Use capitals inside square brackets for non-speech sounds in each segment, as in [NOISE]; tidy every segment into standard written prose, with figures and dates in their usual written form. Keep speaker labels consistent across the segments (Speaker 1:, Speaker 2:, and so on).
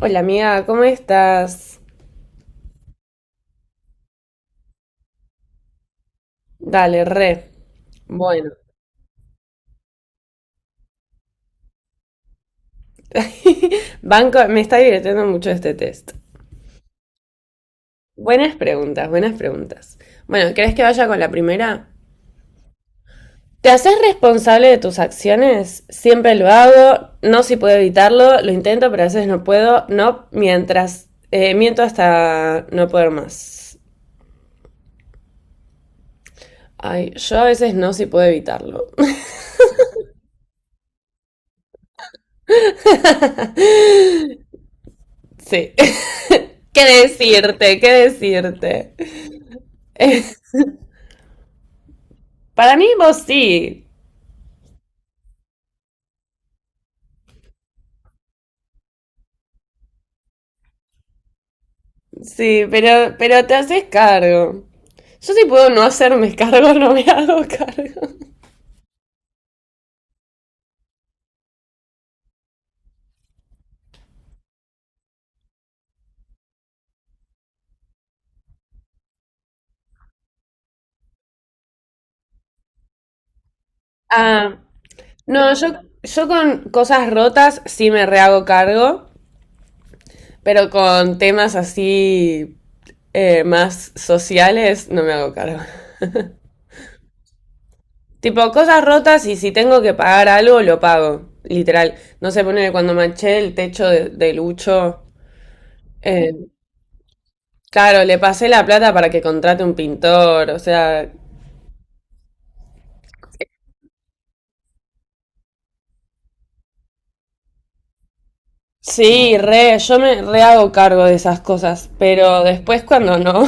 Speaker 1: Hola amiga, ¿cómo estás? Dale, re. Bueno, [LAUGHS] banco, me está divirtiendo mucho este test. Buenas preguntas, buenas preguntas. Bueno, ¿crees que vaya con la primera? ¿Te haces responsable de tus acciones? Siempre lo hago, no si puedo evitarlo, lo intento, pero a veces no puedo, no mientras, miento hasta no poder más. Ay, yo a veces no si puedo evitarlo. [LAUGHS] Sí. [LAUGHS] ¿Qué decirte? ¿Qué decirte? Para mí vos sí. Sí, pero te haces cargo. Yo si puedo no hacerme cargo, [LAUGHS] no me hago cargo. Ah, no, yo con cosas rotas sí me rehago cargo, pero con temas así más sociales no me hago cargo. Tipo, cosas rotas y si tengo que pagar algo, lo pago. Literal. No sé, ponele cuando manché el techo de Lucho. eh, claro, le pasé la plata para que contrate un pintor. O sea, sí, re, yo me re hago cargo de esas cosas, pero después cuando no,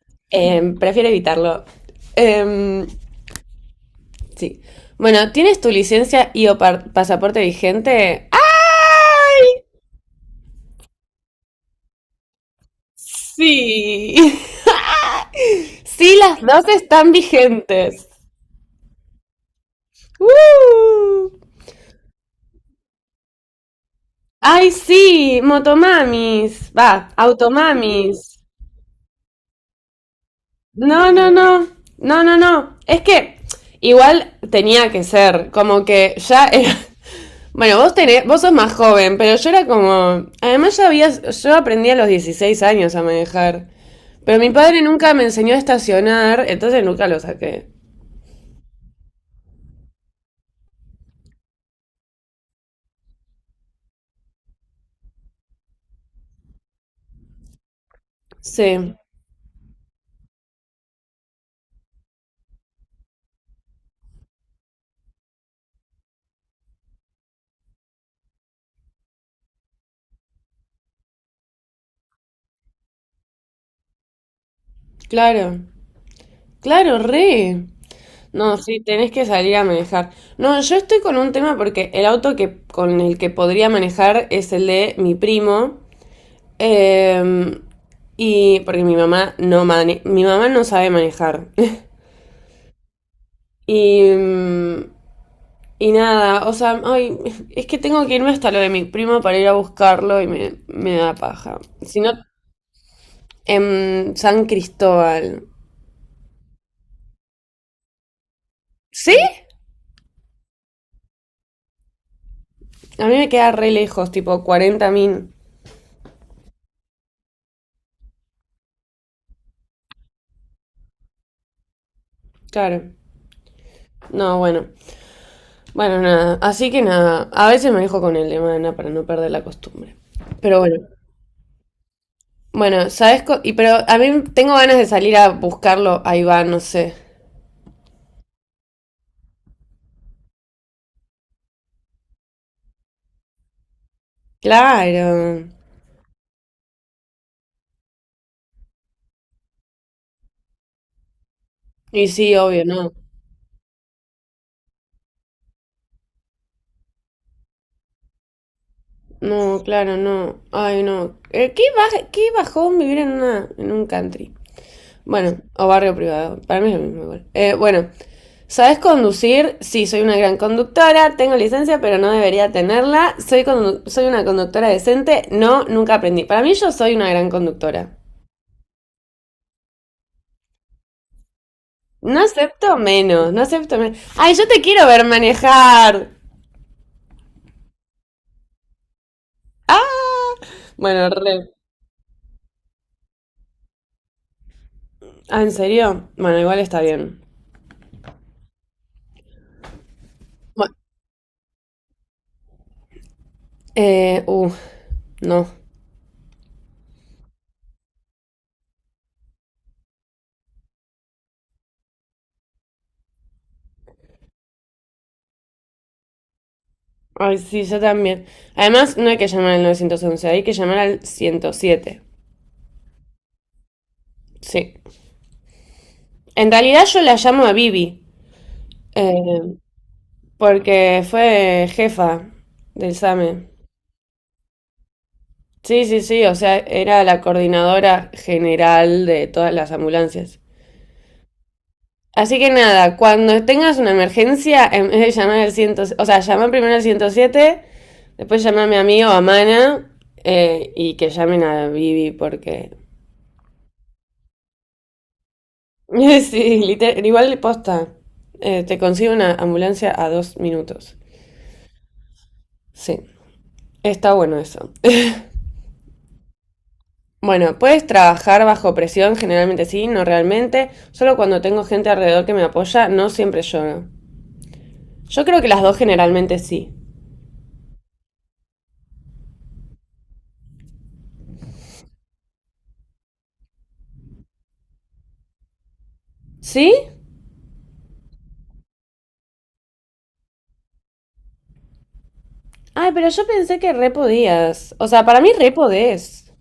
Speaker 1: [LAUGHS] prefiero evitarlo. Em, sí. Bueno, ¿tienes tu licencia y o pasaporte vigente? ¡Ay! Sí. [LAUGHS] Sí, las dos están vigentes. ¡Woo! ¡Ay, sí! Motomamis. Va, automamis. No, no, no. No, no, no. Es que igual tenía que ser, como que ya era- Bueno, vos tenés, vos sos más joven, pero yo era como. Además ya había, yo aprendí a los 16 años a manejar. Pero mi padre nunca me enseñó a estacionar, entonces nunca lo saqué. Sí, claro. Claro, re. No, sí, tenés que salir a manejar. No, yo estoy con un tema porque el auto con el que podría manejar es el de mi primo. Eh, y porque mi mamá no mi mamá no sabe manejar. [LAUGHS] Y y nada, o sea, ay, es que tengo que irme hasta lo de mi primo para ir a buscarlo y me da paja. Si no, en San Cristóbal. ¿Sí? A mí me queda re lejos, tipo 40 min. Claro. No, bueno. Bueno, nada. Así que nada. A veces me dejo con el de mana para no perder la costumbre. Pero bueno. Bueno, ¿sabes? Y pero a mí tengo ganas de salir a buscarlo a Iván, no sé. Claro. Y sí, obvio, ¿no? No, claro, no. Ay, no. ¿Qué, qué bajón vivir en una, en un country? Bueno, o barrio privado. Para mí es lo mismo igual. Bueno, ¿sabes conducir? Sí, soy una gran conductora. Tengo licencia, pero no debería tenerla. Soy, soy una conductora decente. No, nunca aprendí. Para mí yo soy una gran conductora. No acepto menos, no acepto menos. Ay, yo te quiero ver manejar. Ah, bueno, re. Ah, ¿en serio? Bueno, igual está bien. Bueno, eh, uh, no. Ay, sí, yo también. Además, no hay que llamar al 911, hay que llamar al 107. Sí. En realidad yo la llamo a Vivi, eh, porque fue jefa del SAME. Sí, sí, sí, o sea, era la coordinadora general de todas las ambulancias. Así que nada, cuando tengas una emergencia, en vez de llamar al ciento o sea, llama primero al 107, después llamame a mí o a Mana, y que llamen a Vivi porque [LAUGHS] sí, literal, igual posta. Te consigue una ambulancia a 2 minutos. Sí, está bueno eso. [LAUGHS] Bueno, puedes trabajar bajo presión, generalmente sí, no realmente. Solo cuando tengo gente alrededor que me apoya, no siempre lloro. Yo creo que las dos generalmente sí. ¿Sí? Ay, pero yo pensé que re podías. O sea, para mí re podés.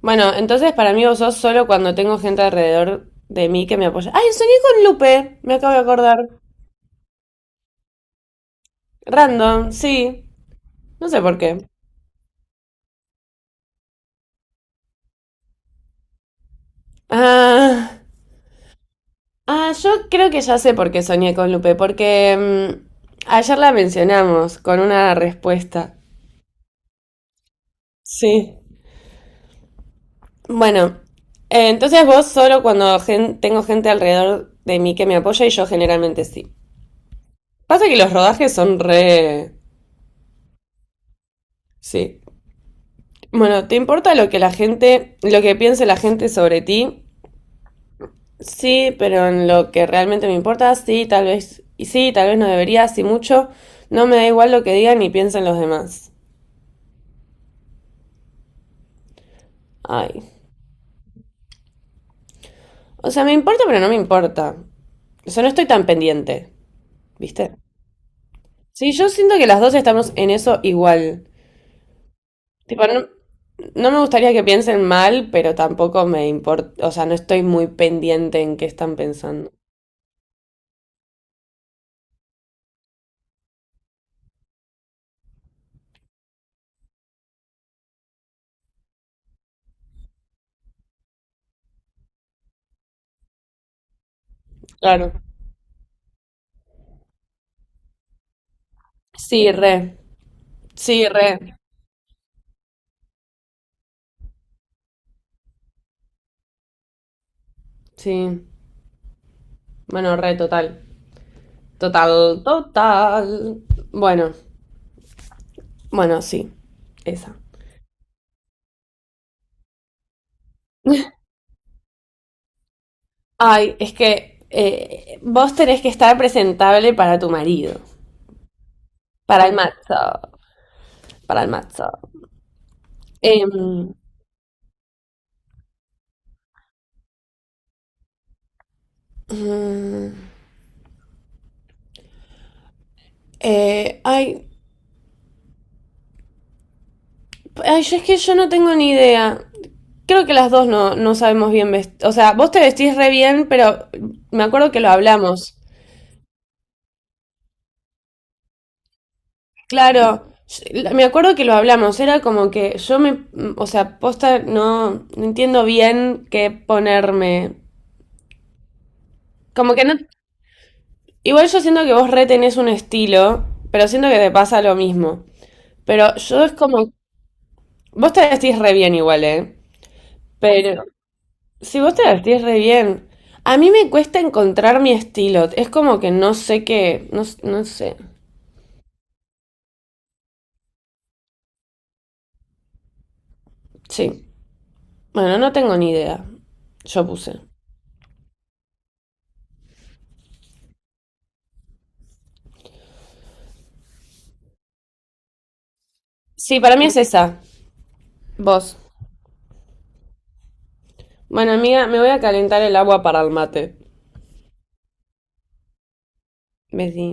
Speaker 1: Bueno, entonces para mí vos sos solo cuando tengo gente alrededor de mí que me apoya. Ay, soñé con Lupe, me acabo de acordar. Random, sí. No sé por qué. Ah, ah, yo creo que ya sé por qué soñé con Lupe, porque ayer la mencionamos con una respuesta. Sí. Bueno, entonces vos solo cuando tengo gente alrededor de mí que me apoya y yo generalmente sí. Pasa que los rodajes son re... Sí. Bueno, ¿te importa lo que la gente, lo que piense la gente sobre ti? Sí, pero en lo que realmente me importa, sí, tal vez, y sí, tal vez no debería, sí mucho. No me da igual lo que digan ni piensen los demás. Ay. O sea, me importa, pero no me importa. O sea, no estoy tan pendiente, ¿viste? Sí, yo siento que las dos estamos en eso igual. Tipo, no, no me gustaría que piensen mal, pero tampoco me importa. O sea, no estoy muy pendiente en qué están pensando. Claro. Sí, re. Sí, re. Sí. Bueno, re, total. Total, total. Bueno, bueno, sí. Esa. Ay, es que vos tenés que estar presentable para tu marido. Para el matzo, para el matzo. Em, mm, eh, ay, ay, yo es que yo no tengo ni idea. Creo que las dos no, no sabemos bien vestir. O sea, vos te vestís re bien, pero me acuerdo que lo hablamos. Claro, yo- me acuerdo que lo hablamos. Era como que yo me, o sea, posta, no, no entiendo bien qué ponerme. Como que no. Igual yo siento que vos re tenés un estilo, pero siento que te pasa lo mismo. Pero yo es como vos te vestís re bien igual, ¿eh? Pero si vos te vestís re bien, a mí me cuesta encontrar mi estilo. Es como que no sé qué, no, no sé. Sí. Bueno, no tengo ni idea. Yo puse. Sí, para mí es esa. Vos. Bueno, amiga, me voy a calentar el agua para el mate. Besí.